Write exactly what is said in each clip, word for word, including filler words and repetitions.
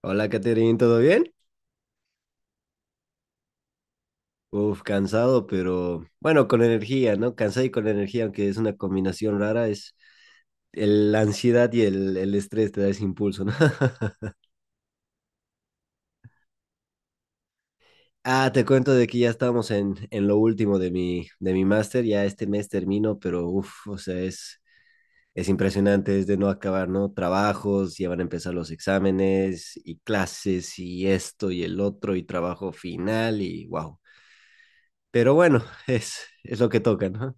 Hola, Caterín, ¿todo bien? Uf, cansado, pero bueno, con energía, ¿no? Cansado y con energía, aunque es una combinación rara, es el- la ansiedad y el, el estrés te da ese impulso, ¿no? Ah, te cuento de que ya estamos en, en lo último de mi, de mi máster, ya este mes termino, pero uf, o sea, es, es impresionante, es de no acabar, ¿no? Trabajos, ya van a empezar los exámenes y clases y esto y el otro y trabajo final y wow. Pero bueno, es, es lo que toca, ¿no?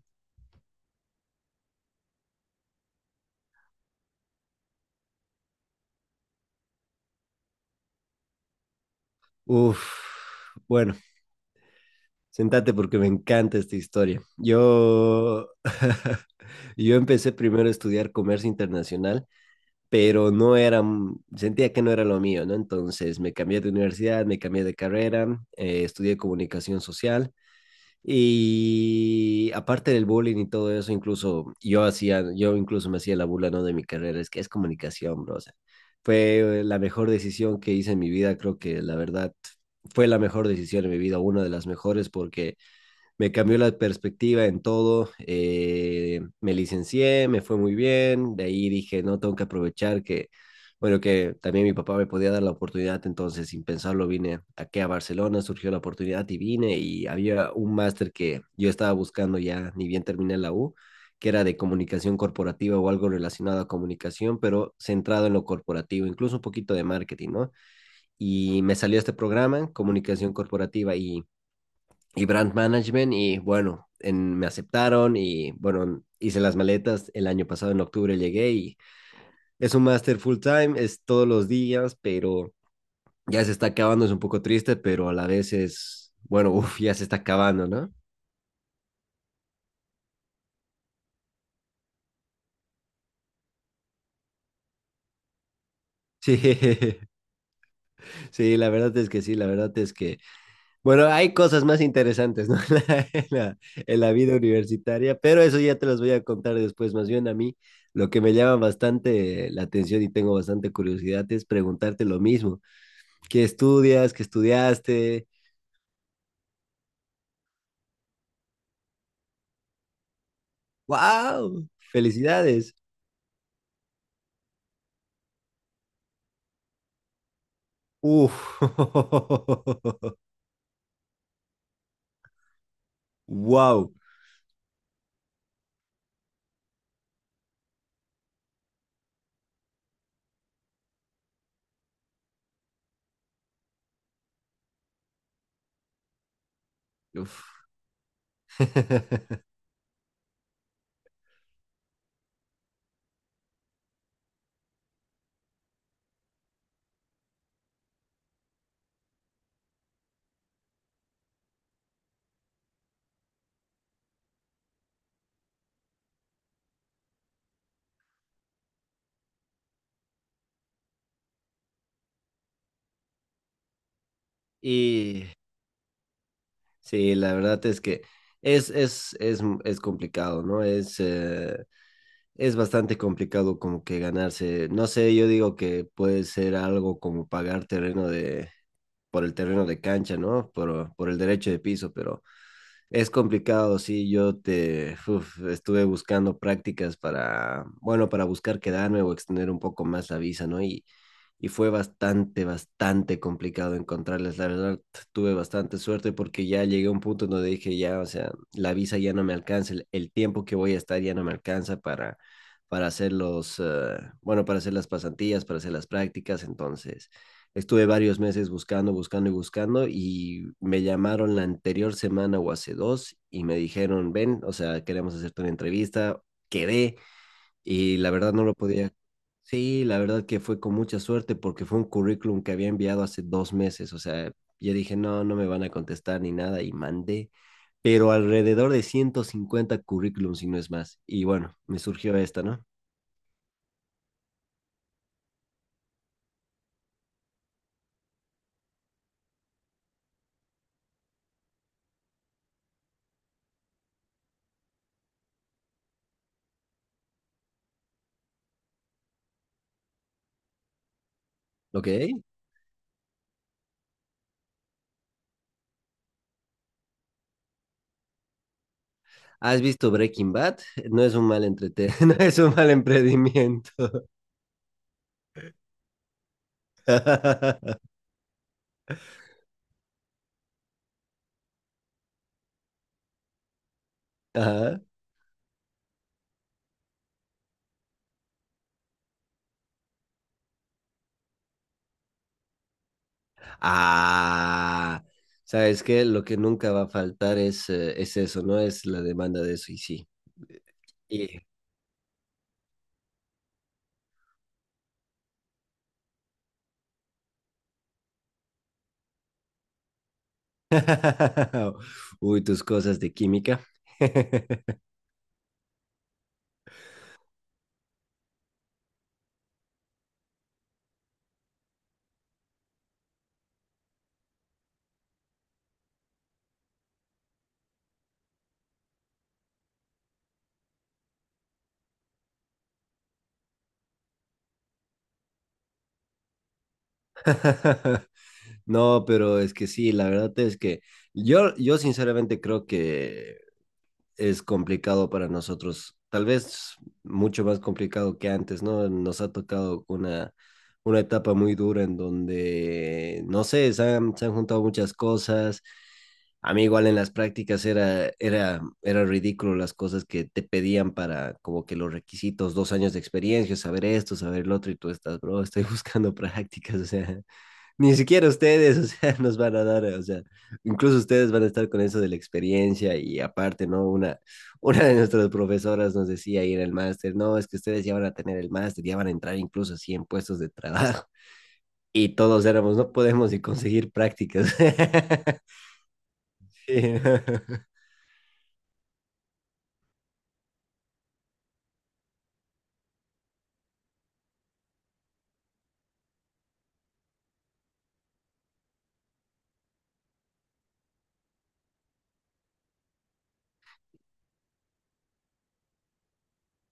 Uf, bueno, sentate porque me encanta esta historia. Yo, yo empecé primero a estudiar comercio internacional, pero no era, sentía que no era lo mío, ¿no? Entonces me cambié de universidad, me cambié de carrera, eh, estudié comunicación social y aparte del bullying y todo eso, incluso yo hacía, yo incluso me hacía la burla, ¿no? De mi carrera, es que es comunicación, bro. O sea, fue la mejor decisión que hice en mi vida, creo que la verdad fue la mejor decisión en mi vida, una de las mejores, porque me cambió la perspectiva en todo. Eh, me licencié, me fue muy bien. De ahí dije, no, tengo que aprovechar que, bueno, que también mi papá me podía dar la oportunidad. Entonces, sin pensarlo, vine aquí a Barcelona, surgió la oportunidad y vine. Y había un máster que yo estaba buscando ya, ni bien terminé la U, que era de comunicación corporativa o algo relacionado a comunicación, pero centrado en lo corporativo, incluso un poquito de marketing, ¿no? Y me salió este programa, comunicación corporativa, y y brand management y bueno, en, me aceptaron y bueno, hice las maletas el año pasado en octubre llegué y es un máster full time, es todos los días, pero ya se está acabando, es un poco triste, pero a la vez es, bueno, uff, ya se está acabando, ¿no? Sí, sí, la verdad es que sí, la verdad es que bueno, hay cosas más interesantes, ¿no? En la, en la- en la vida universitaria, pero eso ya te las voy a contar después. Más bien a mí, lo que me llama bastante la atención y tengo bastante curiosidad es preguntarte lo mismo. ¿Qué estudias? ¿Qué estudiaste? ¡Wow! ¡Felicidades! ¡Uf! ¡Wow! Uf. Y sí, la verdad es que es, es, es, es complicado, ¿no? Es... eh, es bastante complicado como que ganarse. No sé, yo digo que puede ser algo como pagar terreno de, por el terreno de cancha, ¿no? Por, por el derecho de piso, pero es complicado, sí, yo te uf, estuve buscando prácticas para, bueno, para buscar quedarme o extender un poco más la visa, ¿no? Y, y fue bastante, bastante complicado encontrarles. La verdad, tuve bastante suerte porque ya llegué a un punto donde dije, ya, o sea, la visa ya no me alcanza, el, el tiempo que voy a estar ya no me alcanza para, para hacer los, eh, bueno, para hacer las pasantías, para hacer las prácticas, entonces... Estuve varios meses buscando, buscando y buscando y me llamaron la anterior semana o hace dos y me dijeron, ven, o sea, queremos hacerte una entrevista, quedé y la verdad no lo podía. Sí, la verdad que fue con mucha suerte porque fue un currículum que había enviado hace dos meses, o sea, yo dije, no, no me van a contestar ni nada y mandé, pero alrededor de ciento cincuenta currículums y no es más. Y bueno, me surgió esta, ¿no? Ok. ¿Has visto Breaking Bad? No es un mal entrete, no es un mal emprendimiento. Ajá. Ah, sabes que lo que nunca va a faltar es, eh, es eso, ¿no? Es la demanda de eso, y sí. Y- Uy, tus cosas de química. No, pero es que sí, la verdad es que yo, yo sinceramente creo que es complicado para nosotros, tal vez mucho más complicado que antes, ¿no? Nos ha tocado una, una etapa muy dura en donde, no sé, se han, se han juntado muchas cosas. A mí igual en las prácticas era, era, era ridículo las cosas que te pedían para como que los requisitos, dos años de experiencia, saber esto, saber lo otro, y tú estás, bro, estoy buscando prácticas, o sea, ni siquiera ustedes, o sea, nos van a dar, o sea, incluso ustedes van a estar con eso de la experiencia y aparte, ¿no? Una, una de nuestras profesoras nos decía ahí en el máster, no, es que ustedes ya van a tener el máster, ya van a entrar incluso así en puestos de trabajo. Y todos éramos, no podemos ni conseguir prácticas. Sí.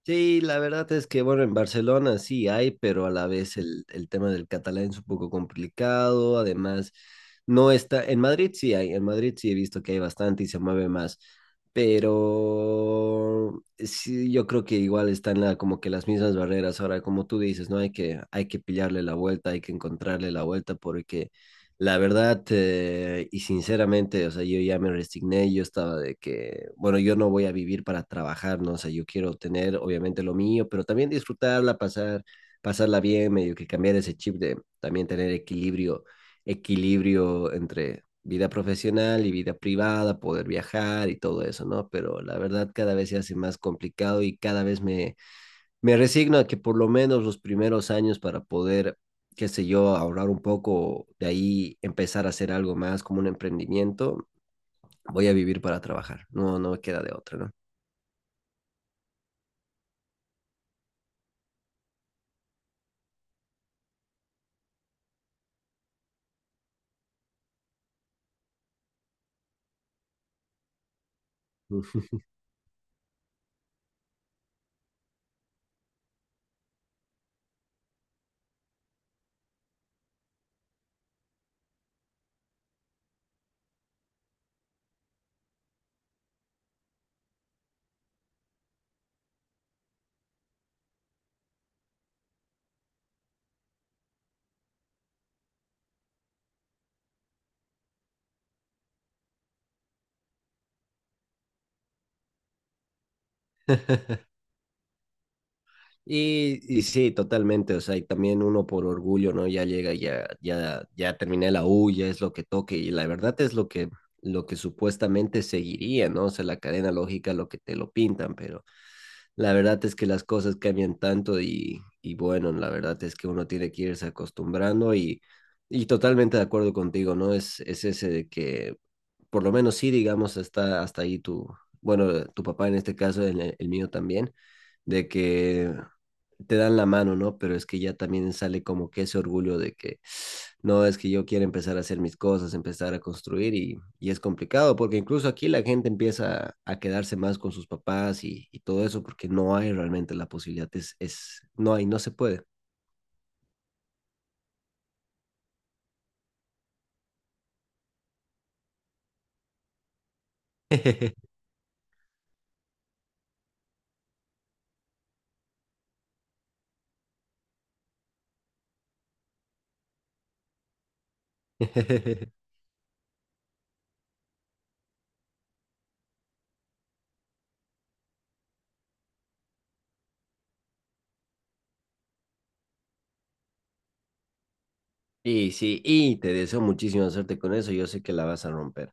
Sí, la verdad es que, bueno, en Barcelona sí hay, pero a la vez el, el tema del catalán es un poco complicado. Además, no está. En Madrid sí hay, en Madrid sí he visto que hay bastante y se mueve más. Pero sí, yo creo que igual están la- como que las mismas barreras. Ahora, como tú dices, ¿no? Hay que, hay que pillarle la vuelta, hay que encontrarle la vuelta, porque la verdad, eh, y sinceramente, o sea, yo ya me resigné, yo estaba de que, bueno, yo no voy a vivir para trabajar, ¿no? O sea, yo quiero tener, obviamente, lo mío, pero también disfrutarla, pasar, pasarla bien, medio que cambiar ese chip de también tener equilibrio, equilibrio entre vida profesional y vida privada, poder viajar y todo eso, ¿no? Pero la verdad, cada vez se hace más complicado y cada vez me me resigno a que por lo menos los primeros años para poder, qué sé yo, ahorrar un poco, de ahí empezar a hacer algo más como un emprendimiento, voy a vivir para trabajar. No, no me queda de otra, ¿no? Y, y sí, totalmente, o sea, y también uno por orgullo, ¿no? Ya llega, ya, ya, ya terminé la U, ya es lo que toque, y la verdad es lo que, lo que supuestamente seguiría, ¿no? O sea, la cadena lógica, lo que te lo pintan, pero la verdad es que las cosas cambian tanto y, y bueno, la verdad es que uno tiene que irse acostumbrando y, y totalmente de acuerdo contigo, ¿no? Es, es ese de que, por lo menos sí, digamos, hasta, hasta ahí tu, bueno, tu papá en este caso, el, el mío también, de que te dan la mano, ¿no? Pero es que ya también sale como que ese orgullo de que, no, es que yo quiero empezar a hacer mis cosas, empezar a construir y, y es complicado porque incluso aquí la gente empieza a quedarse más con sus papás y, y todo eso porque no hay realmente la posibilidad, es, es, no hay, no se puede. Y sí, y te deseo muchísima suerte con eso, yo sé que la vas a romper.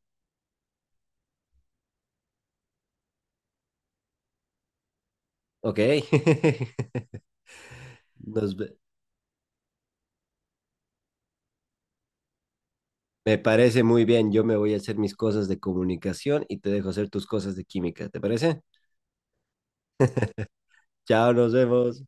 Ok, Nos ve- me parece muy bien, yo me voy a hacer mis cosas de comunicación y te dejo hacer tus cosas de química, ¿te parece? Chao, nos vemos.